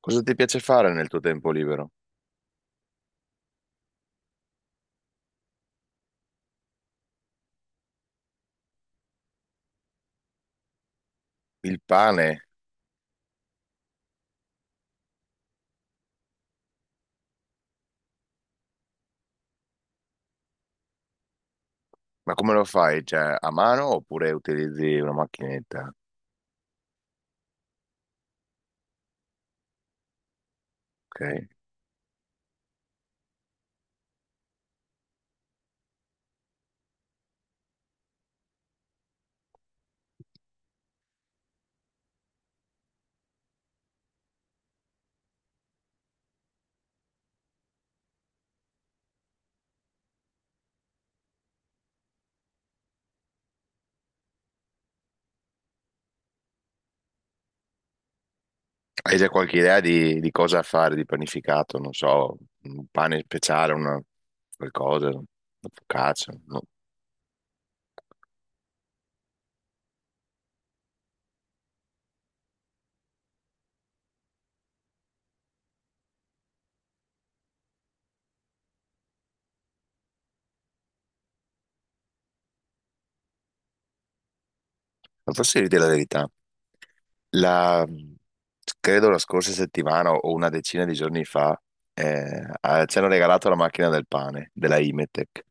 Cosa ti piace fare nel tuo tempo libero? Il pane, ma come lo fai? Cioè, a mano oppure utilizzi una macchinetta? Ok. Hai già qualche idea di cosa fare di panificato? Non so, un pane speciale, una qualcosa, una focaccia. No. Ma posso dirti la verità? La, Credo la scorsa settimana o una decina di giorni fa ci hanno regalato la macchina del pane della Imetec.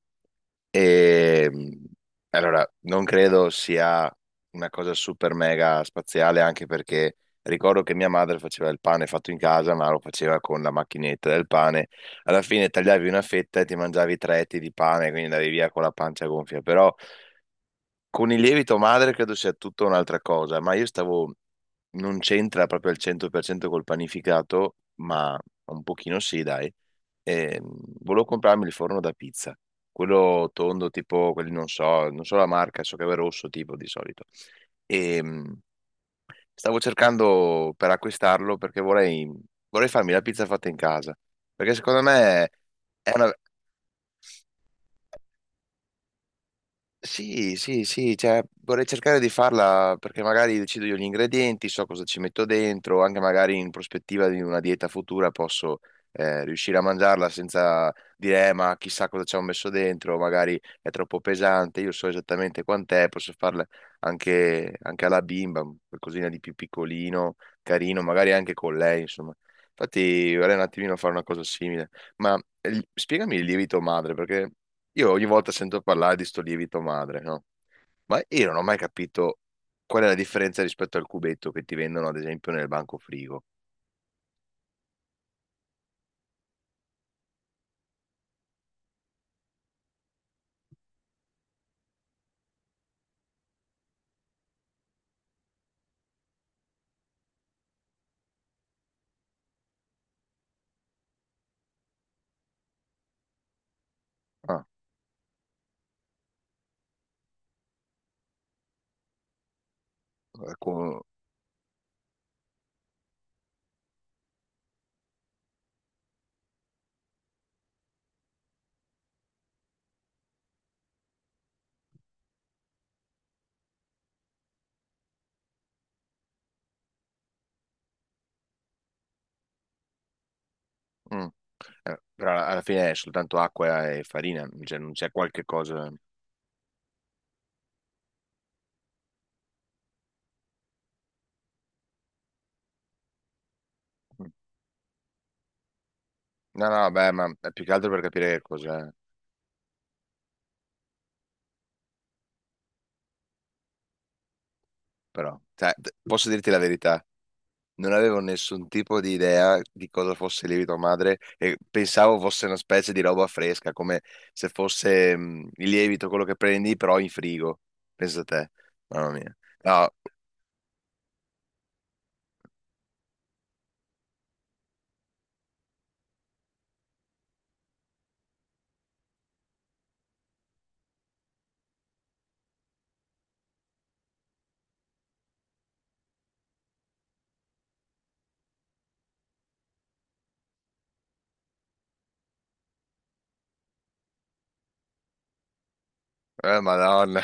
E allora, non credo sia una cosa super mega spaziale, anche perché ricordo che mia madre faceva il pane fatto in casa, ma lo faceva con la macchinetta del pane. Alla fine tagliavi una fetta e ti mangiavi 3 etti di pane, quindi andavi via con la pancia gonfia. Però con il lievito madre credo sia tutta un'altra cosa, ma io stavo, non c'entra proprio al 100% col panificato, ma un pochino sì, dai. E, volevo comprarmi il forno da pizza, quello tondo, tipo quelli non so, non so la marca, so che è rosso tipo di solito. E, stavo cercando per acquistarlo perché vorrei farmi la pizza fatta in casa, perché secondo me è una, sì, sì, sì, cioè, vorrei cercare di farla perché magari decido io gli ingredienti, so cosa ci metto dentro, anche magari in prospettiva di una dieta futura posso riuscire a mangiarla senza dire, ma chissà cosa ci ho messo dentro, magari è troppo pesante, io so esattamente quant'è, posso farla anche alla bimba, qualcosina di più piccolino, carino, magari anche con lei, insomma. Infatti vorrei un attimino fare una cosa simile, ma spiegami il lievito madre perché... Io ogni volta sento parlare di sto lievito madre, no? Ma io non ho mai capito qual è la differenza rispetto al cubetto che ti vendono, ad esempio, nel banco frigo. Ah, ecco, mm. Però alla fine è soltanto acqua e farina, cioè non c'è qualche cosa. Mm. No, no, beh, ma è più che altro per capire che cos'è, però. Cioè, posso dirti la verità, non avevo nessun tipo di idea di cosa fosse il lievito madre e pensavo fosse una specie di roba fresca, come se fosse il lievito quello che prendi però in frigo. Pensa te, mamma mia. No, Madonna,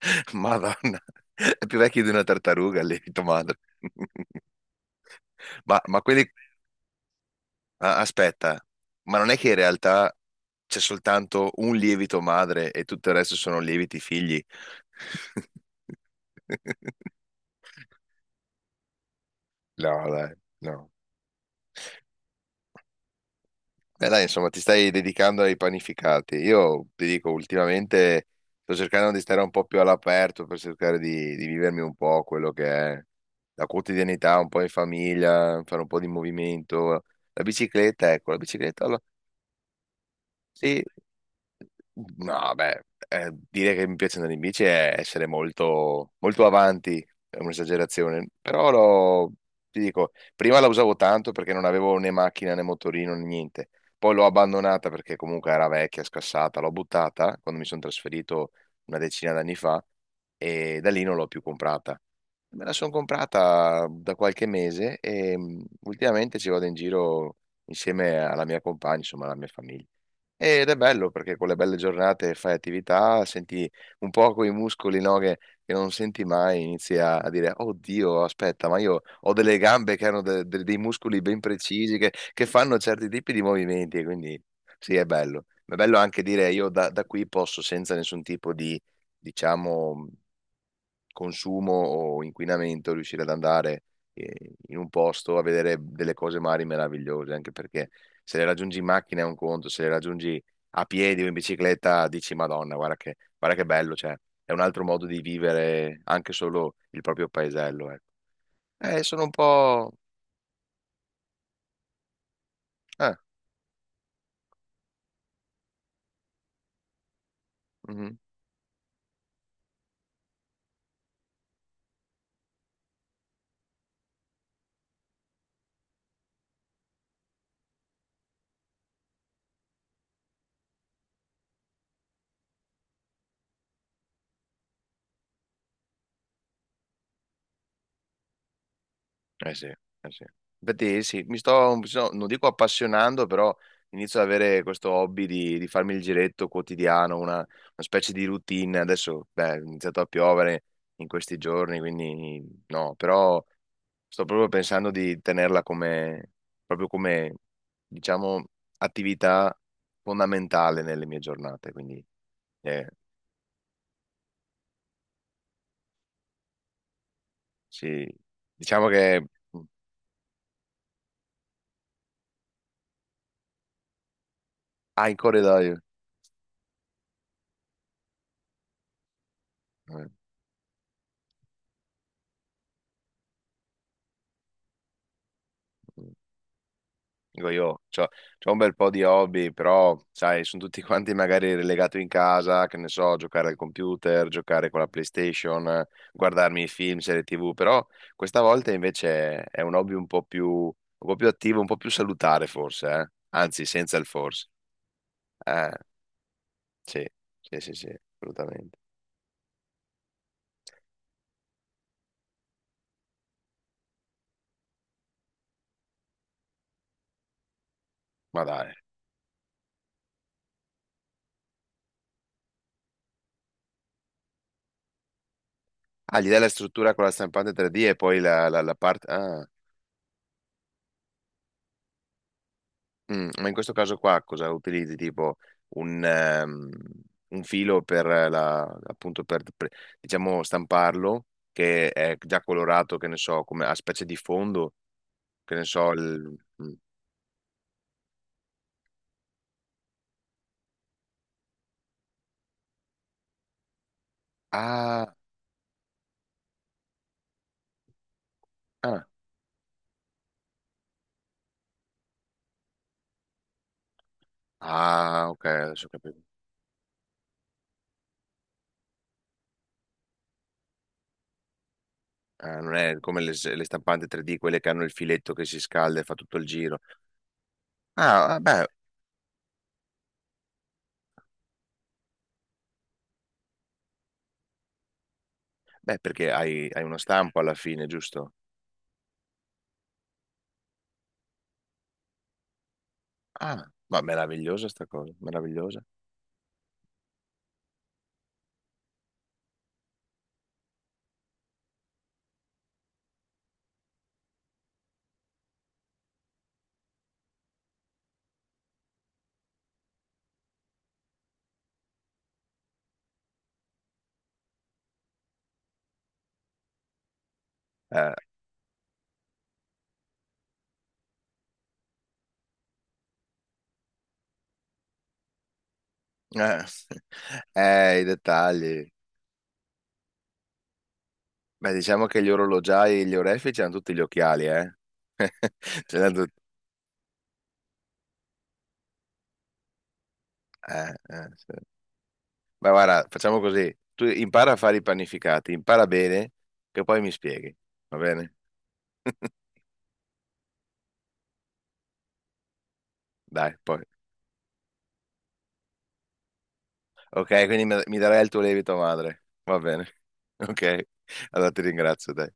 Madonna, è più vecchio di una tartaruga il lievito madre. Ma quelli, ah, aspetta, ma non è che in realtà c'è soltanto un lievito madre e tutto il resto sono lieviti figli? No, dai, no. Beh, dai, insomma, ti stai dedicando ai panificati. Io ti dico, ultimamente sto cercando di stare un po' più all'aperto per cercare di vivermi un po' quello che è la quotidianità, un po' in famiglia, fare un po' di movimento. La bicicletta, ecco, la bicicletta, sì, no, beh, dire che mi piacciono le bici è essere molto, molto avanti, è un'esagerazione, però ti dico, prima la usavo tanto perché non avevo né macchina né motorino né niente, poi l'ho abbandonata perché comunque era vecchia, scassata, l'ho buttata quando mi sono trasferito una decina d'anni fa e da lì non l'ho più comprata. Me la sono comprata da qualche mese e ultimamente ci vado in giro insieme alla mia compagna, insomma alla mia famiglia. Ed è bello perché con le belle giornate fai attività, senti un po' quei muscoli, no, che non senti mai, inizi a dire, oddio, aspetta, ma io ho delle gambe che hanno dei muscoli ben precisi, che fanno certi tipi di movimenti, e quindi sì, è bello. Ma è bello anche dire, io da qui posso senza nessun tipo di, diciamo, consumo o inquinamento, riuscire ad andare in un posto a vedere delle cose magari meravigliose, anche perché se le raggiungi in macchina è un conto, se le raggiungi a piedi o in bicicletta dici Madonna, guarda che bello, cioè è un altro modo di vivere anche solo il proprio paesello, ecco. Sono un po'. eh, mhm. Eh sì, eh sì. Infatti sì, non dico appassionando, però inizio ad avere questo hobby di farmi il giretto quotidiano, una specie di routine. Adesso, beh, è iniziato a piovere in questi giorni, quindi no, però sto proprio pensando di tenerla come, proprio come, diciamo, attività fondamentale nelle mie giornate. Quindi, eh, sì, diciamo che ha in corridoio. Eh. Mm. Dico io, c'ho un bel po' di hobby, però, sai, sono tutti quanti magari relegato in casa, che ne so, giocare al computer, giocare con la PlayStation, guardarmi i film, serie TV, però questa volta invece è un hobby un po' più attivo, un po' più salutare forse, eh? Anzi, senza il forse. Eh, sì, sì, sì, sì, assolutamente. Ma dai. Ah, gli dai la struttura con la stampante 3D e poi la parte. Ah. Ma in questo caso qua cosa utilizzi? Tipo un, ehm, un filo per la, appunto per, diciamo stamparlo che è già colorato, che ne so, come a specie di fondo, che ne so, mm. Ah, ah, ah, ok, adesso ho capito. Ah, non è come le stampanti 3D, quelle che hanno il filetto che si scalda e fa tutto il giro. Ah, ah, beh, beh, perché hai uno stampo alla fine, giusto? Ah, ma meravigliosa sta cosa, meravigliosa. Eh, eh. I dettagli. Beh, diciamo che gli orologiai e gli orefici hanno tutti gli occhiali, eh. Ce l'hanno tutti. Sì. Ma guarda, facciamo così. Tu impara a fare i panificati, impara bene, che poi mi spieghi. Va bene? Dai, poi. Ok, quindi mi darai il tuo lievito madre. Va bene. Ok, allora ti ringrazio, dai.